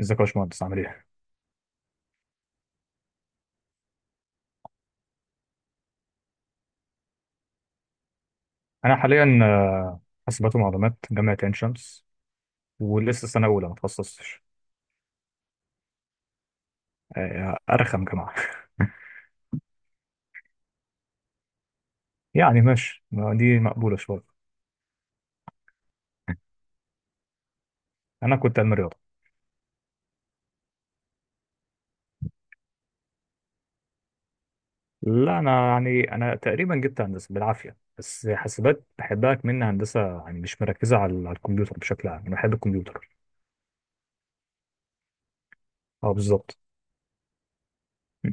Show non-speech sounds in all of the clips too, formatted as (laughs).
ازيك يا باشمهندس، عامل ايه؟ انا حاليا حاسبات ومعلومات جامعه عين شمس، ولسه سنه اولى ما اتخصصتش. آه، ارخم جامعه. (laughs) يعني ماشي، ما دي مقبوله شويه. (laughs) انا كنت علم رياضه. لا، انا يعني انا تقريبا جبت هندسه بالعافيه، بس حاسبات بحبها. كمان هندسه يعني مش مركزه على الكمبيوتر بشكل عام، انا بحب الكمبيوتر. اه، بالظبط. م.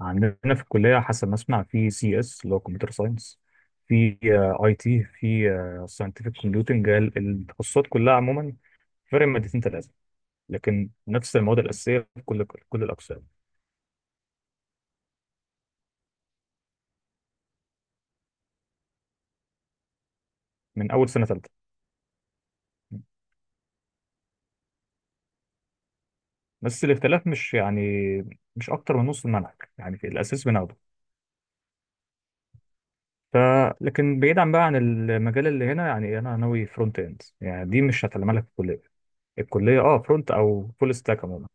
عندنا في الكليه، حسب ما اسمع، في سي اس اللي هو كمبيوتر ساينس، في اي تي، في ساينتفك كومبيوتنج. التخصصات كلها عموما فرق مادتين ثلاثة، لكن نفس المواد الأساسية في كل الأقسام، من أول سنة ثالثة. بس الاختلاف مش يعني مش أكتر من نص المنهج، يعني في الأساس بناخده. ف لكن بعيدا بقى عن المجال اللي هنا، يعني أنا ناوي فرونت إند، يعني دي مش هتعلمها لك في الكلية. الكلية أه فرونت أو فول ستاك عموما.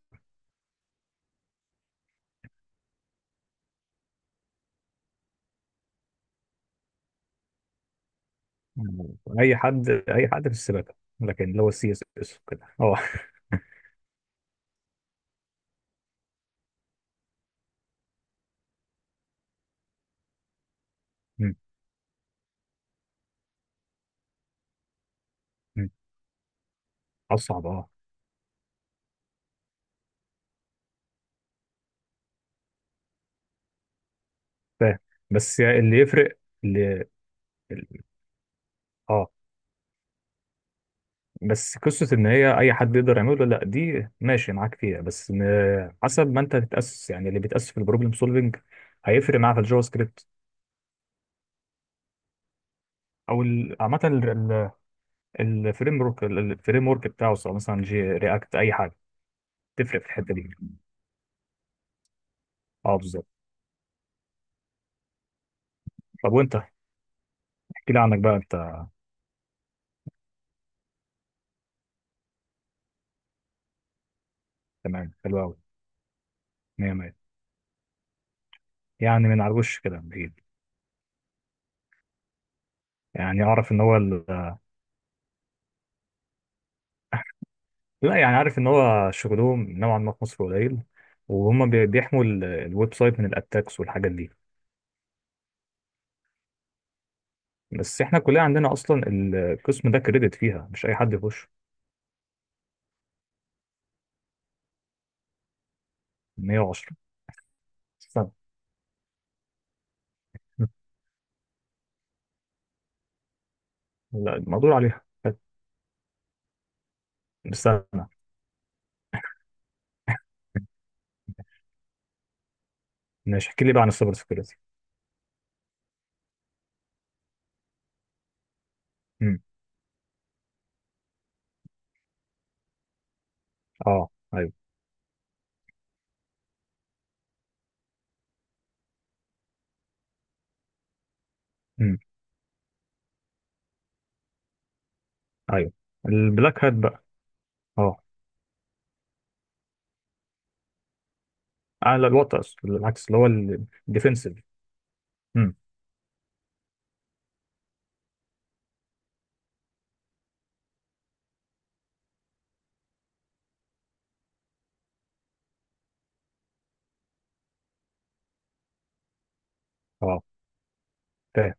يعني أي حد، أي حد في السباكة، لكن اللي هو السي اس اس وكده أه. (laughs) أمم، أمم. اصعب، اه. فاهم، بس يعني اللي يفرق اللي... اه. بس قصة إن هي أي حد يقدر يعمله، لأ دي ماشي معاك فيها، بس حسب ما أنت تتأسس، يعني اللي بيتأسس في البروبلم سولفنج هيفرق معاه في الجافا سكريبت، أو عامة الفريم ورك بتاعه، سواء مثلا جي رياكت أي حاجة تفرق في الحتة دي. أه، بالظبط. طب وأنت، احكي لي عنك بقى أنت. تمام، حلو أوي. مية مية، يعني من على الوش كده بعيد. يعني أعرف إن هو ال... لا، يعني عارف إن هو شغلهم نوعا ما في مصر قليل، وهم بيحموا الويب سايت من الأتاكس والحاجات دي. بس احنا كلنا عندنا اصلا القسم ده كريدت فيها، مش اي حد يخش. 110. استنى. لا، المقدور عليها. استنى، ماشي احكي لي بقى عن السايبر سكيورتي. امم، اه، ايوه. امم، ايوه. البلاك هات بقى، اه. اعلى الوقت العكس، اللي هو الديفنسيف. امم، اه. فاهم.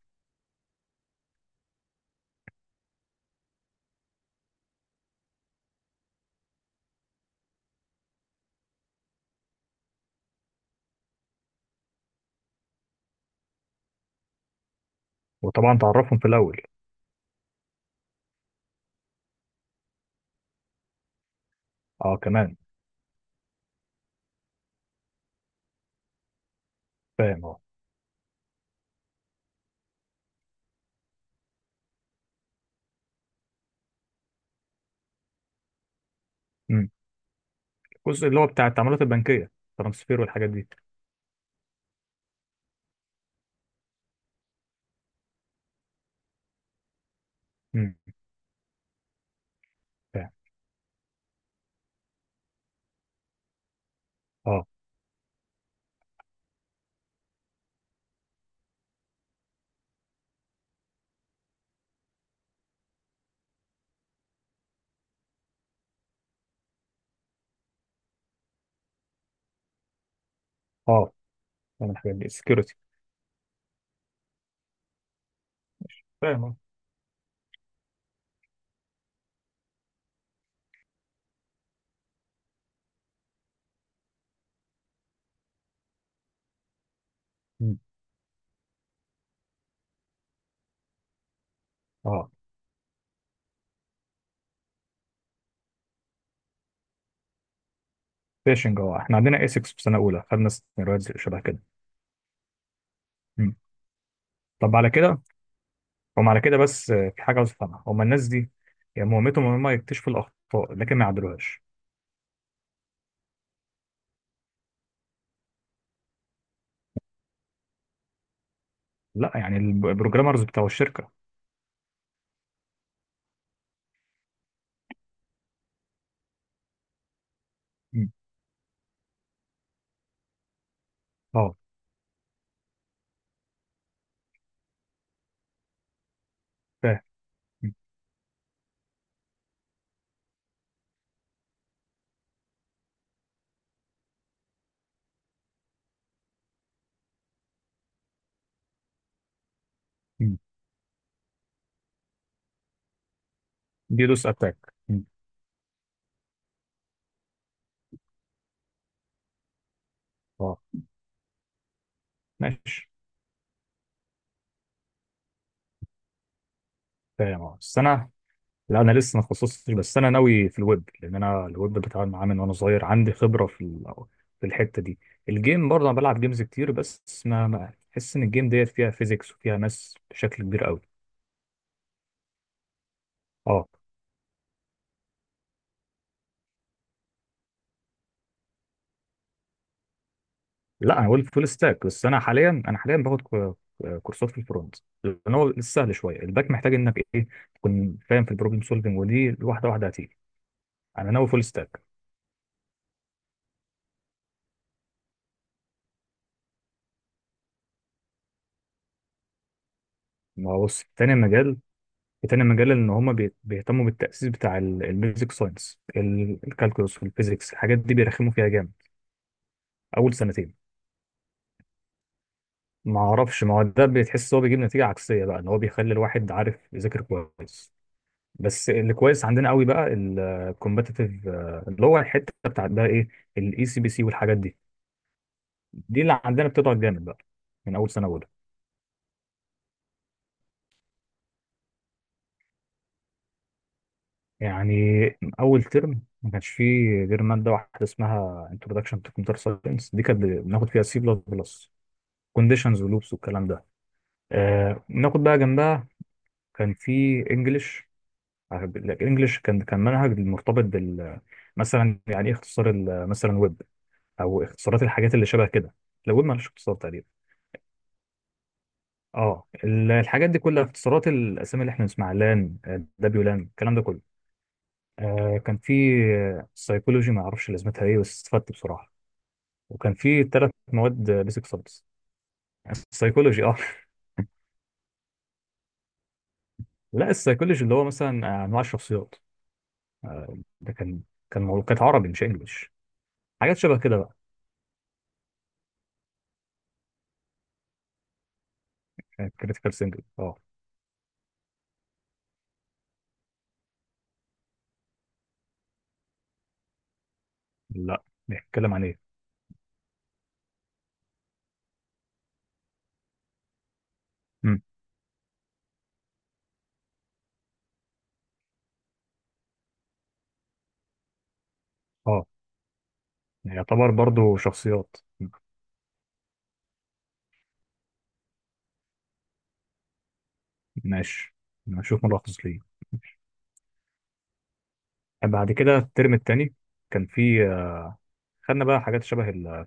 وطبعا تعرفهم في الاول. اه كمان. فاهم، اه. امم. الجزء اللي هو بتاع التعاملات البنكيه، ترانسفير والحاجات دي. امم. فاهم، اه. اه، فاهم الحاجات دي سكيورتي. فاهم، اه. مم. اه. فيشنج، اه، احنا عندنا اسكس في سنه اولى خدنا سيناريوهات شبه كده. مم. طب على كده، هم على كده، بس في حاجه عاوز افهمها. هم الناس دي يعني مهمتهم ان هم يكتشفوا الاخطاء، لكن ما يعدلوهاش؟ لا، يعني البروجرامرز بتوع الشركه. مم. اه. فاهم. مم. مم. دي دوس اتاك. مم. اه. ماشي. فاهم، اه، بس انا، لا انا لسه ما تخصصتش، بس انا ناوي في الويب، لان انا الويب بتعامل معاه من وانا صغير، عندي خبره في في الحته دي. الجيم برضه انا بلعب جيمز كتير، بس بحس ان الجيم ديت فيها فيزيكس وفيها ماس بشكل كبير قوي. اه. لا، انا قلت فول ستاك، بس انا حاليا، باخد كورسات في الفرونت، لان هو السهل شويه. الباك محتاج انك ايه، تكون فاهم في البروبلم سولفنج، ودي واحده واحده هتيجي. انا ناوي فول ستاك. ما هو بص، تاني مجال، ان هم بيهتموا بالتأسيس بتاع البيزك ساينس. الكالكولس والفيزيكس الحاجات دي بيرخموا فيها جامد اول سنتين. ما اعرفش، ما هو ده بتحس هو بيجيب نتيجة عكسية بقى، ان هو بيخلي الواحد عارف يذاكر كويس. بس اللي كويس عندنا قوي بقى الكومبتيتيف، اللي هو الحتة بتاعت بقى ايه، الاي سي بي سي والحاجات دي. دي اللي عندنا بتضعف جامد بقى من اول سنة اولى. يعني اول ترم ما كانش فيه غير ماده واحده اسمها انتروداكشن تو كمبيوتر ساينس، دي كانت بناخد فيها سي بلس بلس، كونديشنز ولوبس والكلام ده. آه، ناخد بقى جنبها كان في انجلش. الانجلش كان منهج مرتبط بال، مثلا يعني ايه اختصار مثلا ويب، او اختصارات الحاجات اللي شبه كده. لو ويب مالوش اختصار تقريبا. اه، الحاجات دي كلها اختصارات الاسامي اللي احنا بنسمعها، لان، دبليو لان، الكلام ده كله. كان في سايكولوجي ما اعرفش لازمتها ايه، بس استفدت بصراحه. وكان في ثلاث مواد بيسك سبس. السايكولوجي، اه. (laughs) لا، السايكولوجي اللي هو مثلا انواع الشخصيات، ده كان موضوع، كانت عربي مش انجلش، حاجات شبه كده بقى. كريتيكال سينجل، اه. لا، بيتكلم عن ايه؟ مم. اه، يعتبر برضو شخصيات. ماشي، نشوف ملخص ليه. بعد كده الترم التاني كان في خدنا بقى حاجات شبه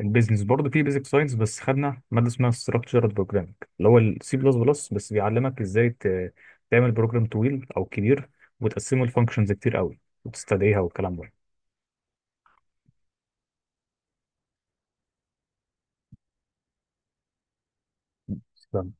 البيزنس برضه في بيزك ساينس، بس خدنا ماده اسمها ستراكشرد بروجرامينج اللي هو السي بلس بلس، بس بيعلمك ازاي تعمل بروجرام طويل او كبير، وتقسمه لفانكشنز كتير قوي، وتستدعيها والكلام ده